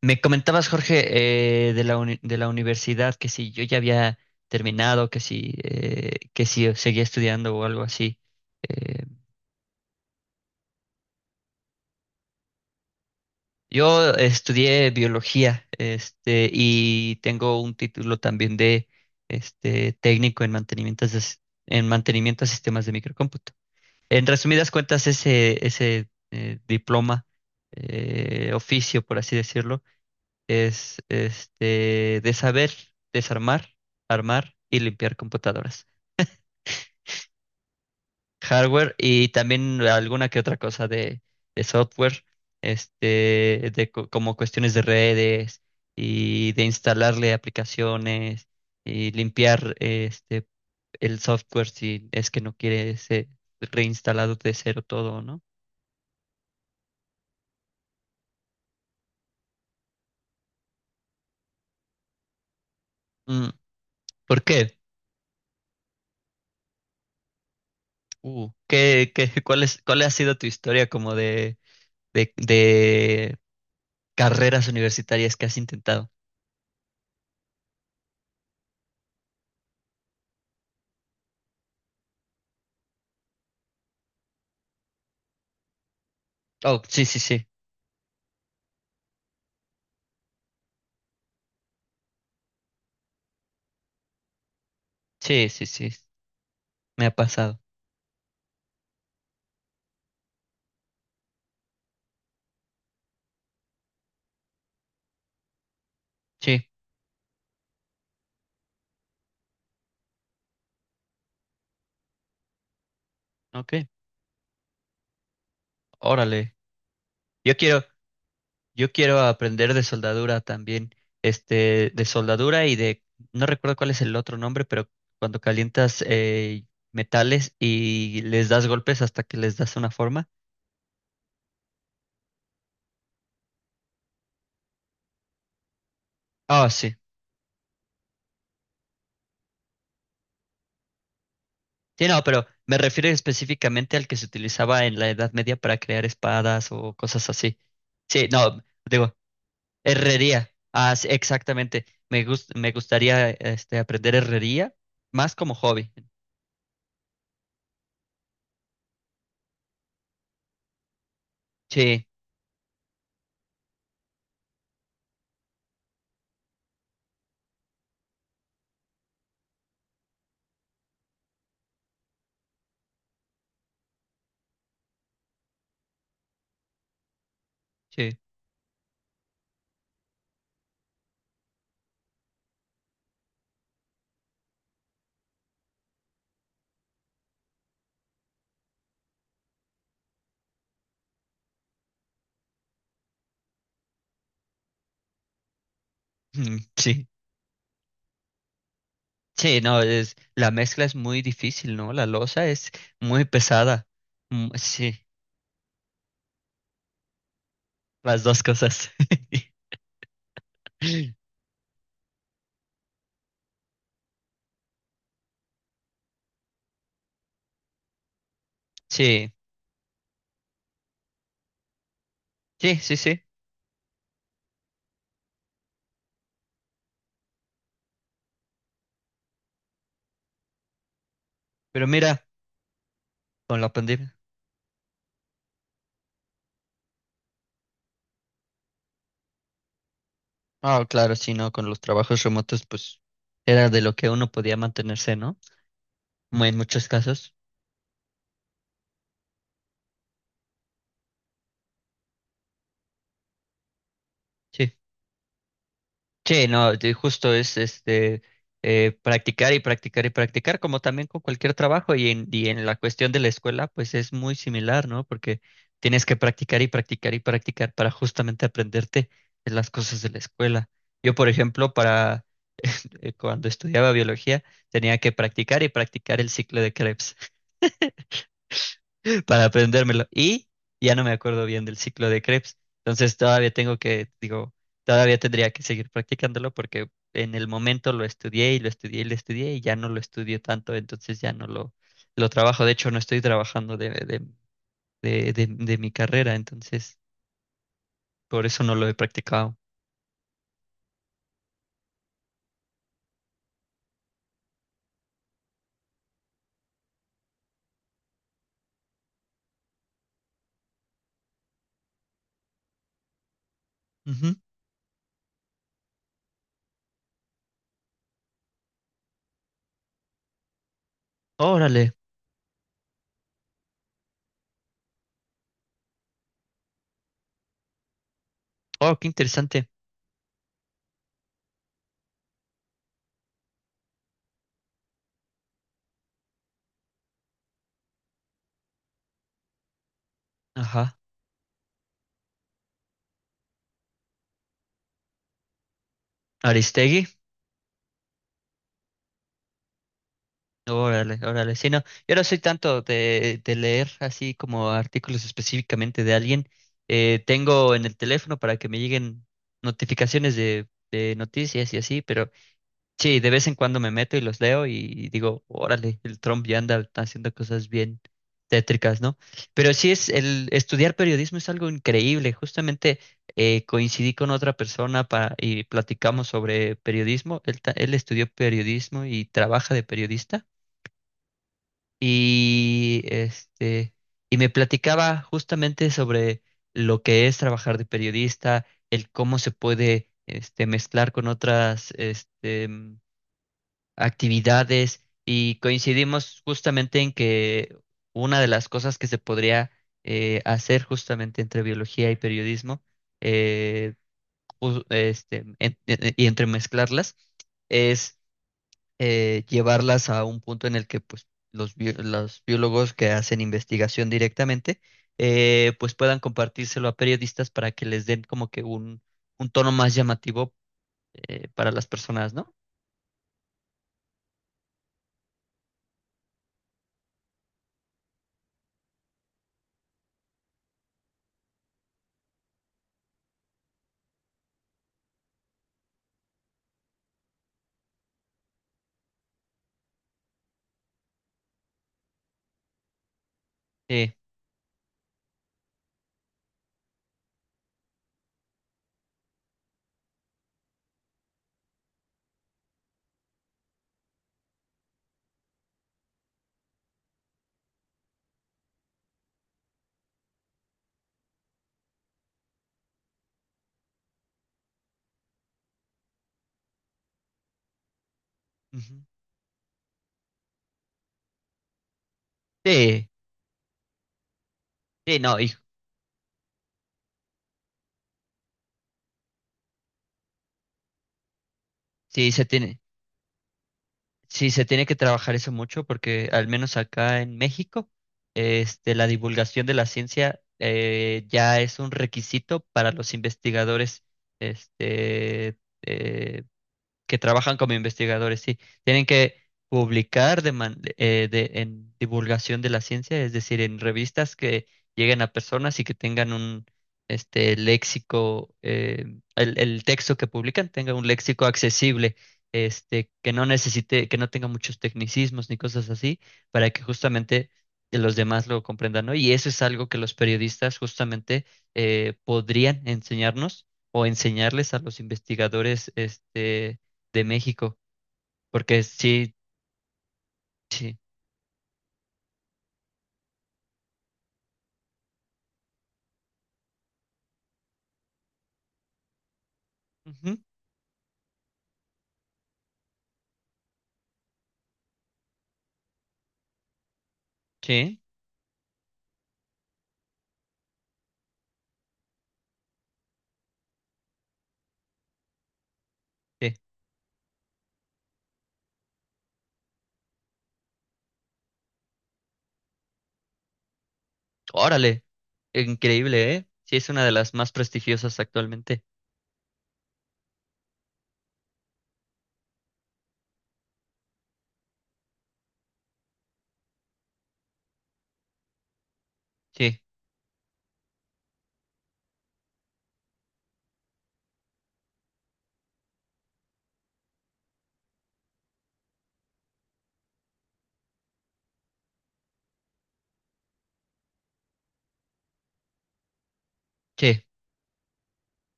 Me comentabas, Jorge, de la de la universidad, que si yo ya había terminado, que si seguía estudiando o algo así. Eh, yo estudié biología, este, y tengo un título también de este, técnico en mantenimiento, en mantenimiento de sistemas de microcómputo. En resumidas cuentas, ese diploma, oficio, por así decirlo, es este de saber desarmar, armar y limpiar computadoras. Hardware y también alguna que otra cosa de software, este, de como cuestiones de redes y de instalarle aplicaciones y limpiar este el software si es que no quiere ser reinstalado de cero todo, ¿no? Mm. ¿Por qué? ¿Cuál es, cuál ha sido tu historia como de de, de carreras universitarias que has intentado? Oh, sí, sí, sí. Sí, sí, sí. Me ha pasado. Sí, ok. Órale. Yo quiero, yo quiero aprender de soldadura también. Este, de soldadura y de, no recuerdo cuál es el otro nombre, pero cuando calientas metales y les das golpes hasta que les das una forma. Ah, sí. Sí, no, pero me refiero específicamente al que se utilizaba en la Edad Media para crear espadas o cosas así. Sí, no, digo, Herrería, ah, sí, exactamente. Me gustaría este, aprender herrería más como hobby. Sí, sí, mm, sí. Sí, no, es, la mezcla es muy difícil, ¿no? La loza es muy pesada. Mm, sí, las dos cosas. Sí, sí, sí, sí. Pero mira, con la pandemia. Ah, claro, sí, no, con los trabajos remotos, pues era de lo que uno podía mantenerse, ¿no? En muchos casos. Sí. Sí, no, justo es este practicar y practicar y practicar, como también con cualquier trabajo y en la cuestión de la escuela, pues es muy similar, ¿no? Porque tienes que practicar y practicar y practicar para justamente aprenderte de las cosas de la escuela. Yo, por ejemplo, para cuando estudiaba biología, tenía que practicar y practicar el ciclo de Krebs para aprendérmelo. Y ya no me acuerdo bien del ciclo de Krebs. Entonces todavía tengo que, digo, todavía tendría que seguir practicándolo porque en el momento lo estudié y lo estudié y lo estudié y ya no lo estudio tanto, entonces ya no lo trabajo. De hecho, no estoy trabajando de mi carrera, entonces por eso no lo he practicado. Ujú. Órale. Oh, qué interesante. Ajá. Aristegui. Órale, órale. Sí, no, yo no soy tanto de leer así como artículos específicamente de alguien. Tengo en el teléfono para que me lleguen notificaciones de noticias y así, pero sí, de vez en cuando me meto y los leo y digo, órale, el Trump ya anda haciendo cosas bien tétricas, ¿no? Pero sí es, el estudiar periodismo es algo increíble. Justamente coincidí con otra persona para, y platicamos sobre periodismo. Él, él estudió periodismo y trabaja de periodista y este y me platicaba justamente sobre lo que es trabajar de periodista, el cómo se puede este mezclar con otras actividades y coincidimos justamente en que una de las cosas que se podría hacer justamente entre biología y periodismo eh, y entremezclarlas es llevarlas a un punto en el que pues, los biólogos que hacen investigación directamente pues puedan compartírselo a periodistas para que les den como que un tono más llamativo para las personas, ¿no? Sí, ujú, sí, sí, no, hijo, sí se tiene, sí se tiene que trabajar eso mucho porque al menos acá en México este, la divulgación de la ciencia ya es un requisito para los investigadores este, que trabajan como investigadores, sí, tienen que publicar de en divulgación de la ciencia, es decir, en revistas que lleguen a personas y que tengan un este léxico, el texto que publican tenga un léxico accesible, este, que no necesite, que no tenga muchos tecnicismos ni cosas así, para que justamente los demás lo comprendan, ¿no? Y eso es algo que los periodistas justamente podrían enseñarnos o enseñarles a los investigadores, este, de México, porque sí, sí, ujú, sí, sí. Órale, increíble, ¿eh? Sí, es una de las más prestigiosas actualmente. Sí, sí.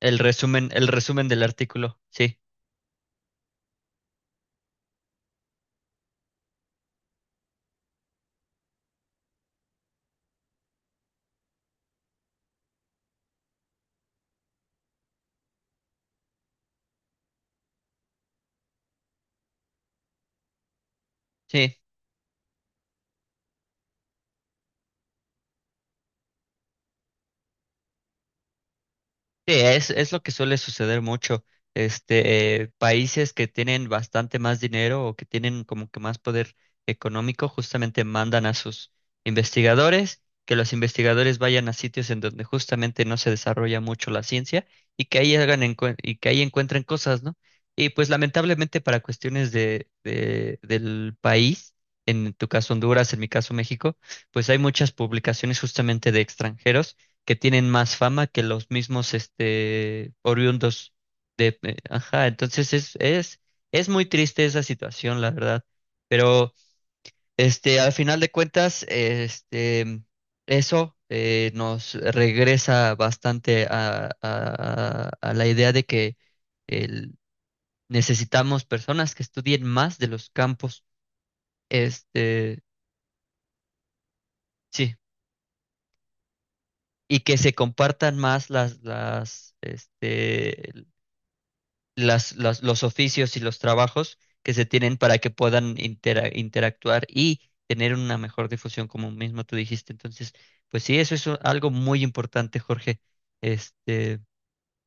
El resumen del artículo. Sí, sí. Sí, es lo que suele suceder mucho. Este, países que tienen bastante más dinero o que tienen como que más poder económico, justamente mandan a sus investigadores, que los investigadores vayan a sitios en donde justamente no se desarrolla mucho la ciencia y que ahí hagan y que ahí encuentren cosas, ¿no? Y pues lamentablemente para cuestiones del país, en tu caso Honduras, en mi caso México, pues hay muchas publicaciones justamente de extranjeros que tienen más fama que los mismos este oriundos. Ajá, entonces es muy triste esa situación, la verdad. Pero este, al final de cuentas, este, eso nos regresa bastante a la idea de que el- necesitamos personas que estudien más de los campos, este, sí, y que se compartan más las, este, las- los oficios y los trabajos que se tienen para que puedan interactuar y tener una mejor difusión, como mismo tú dijiste. Entonces, pues sí, eso es algo muy importante, Jorge. Este,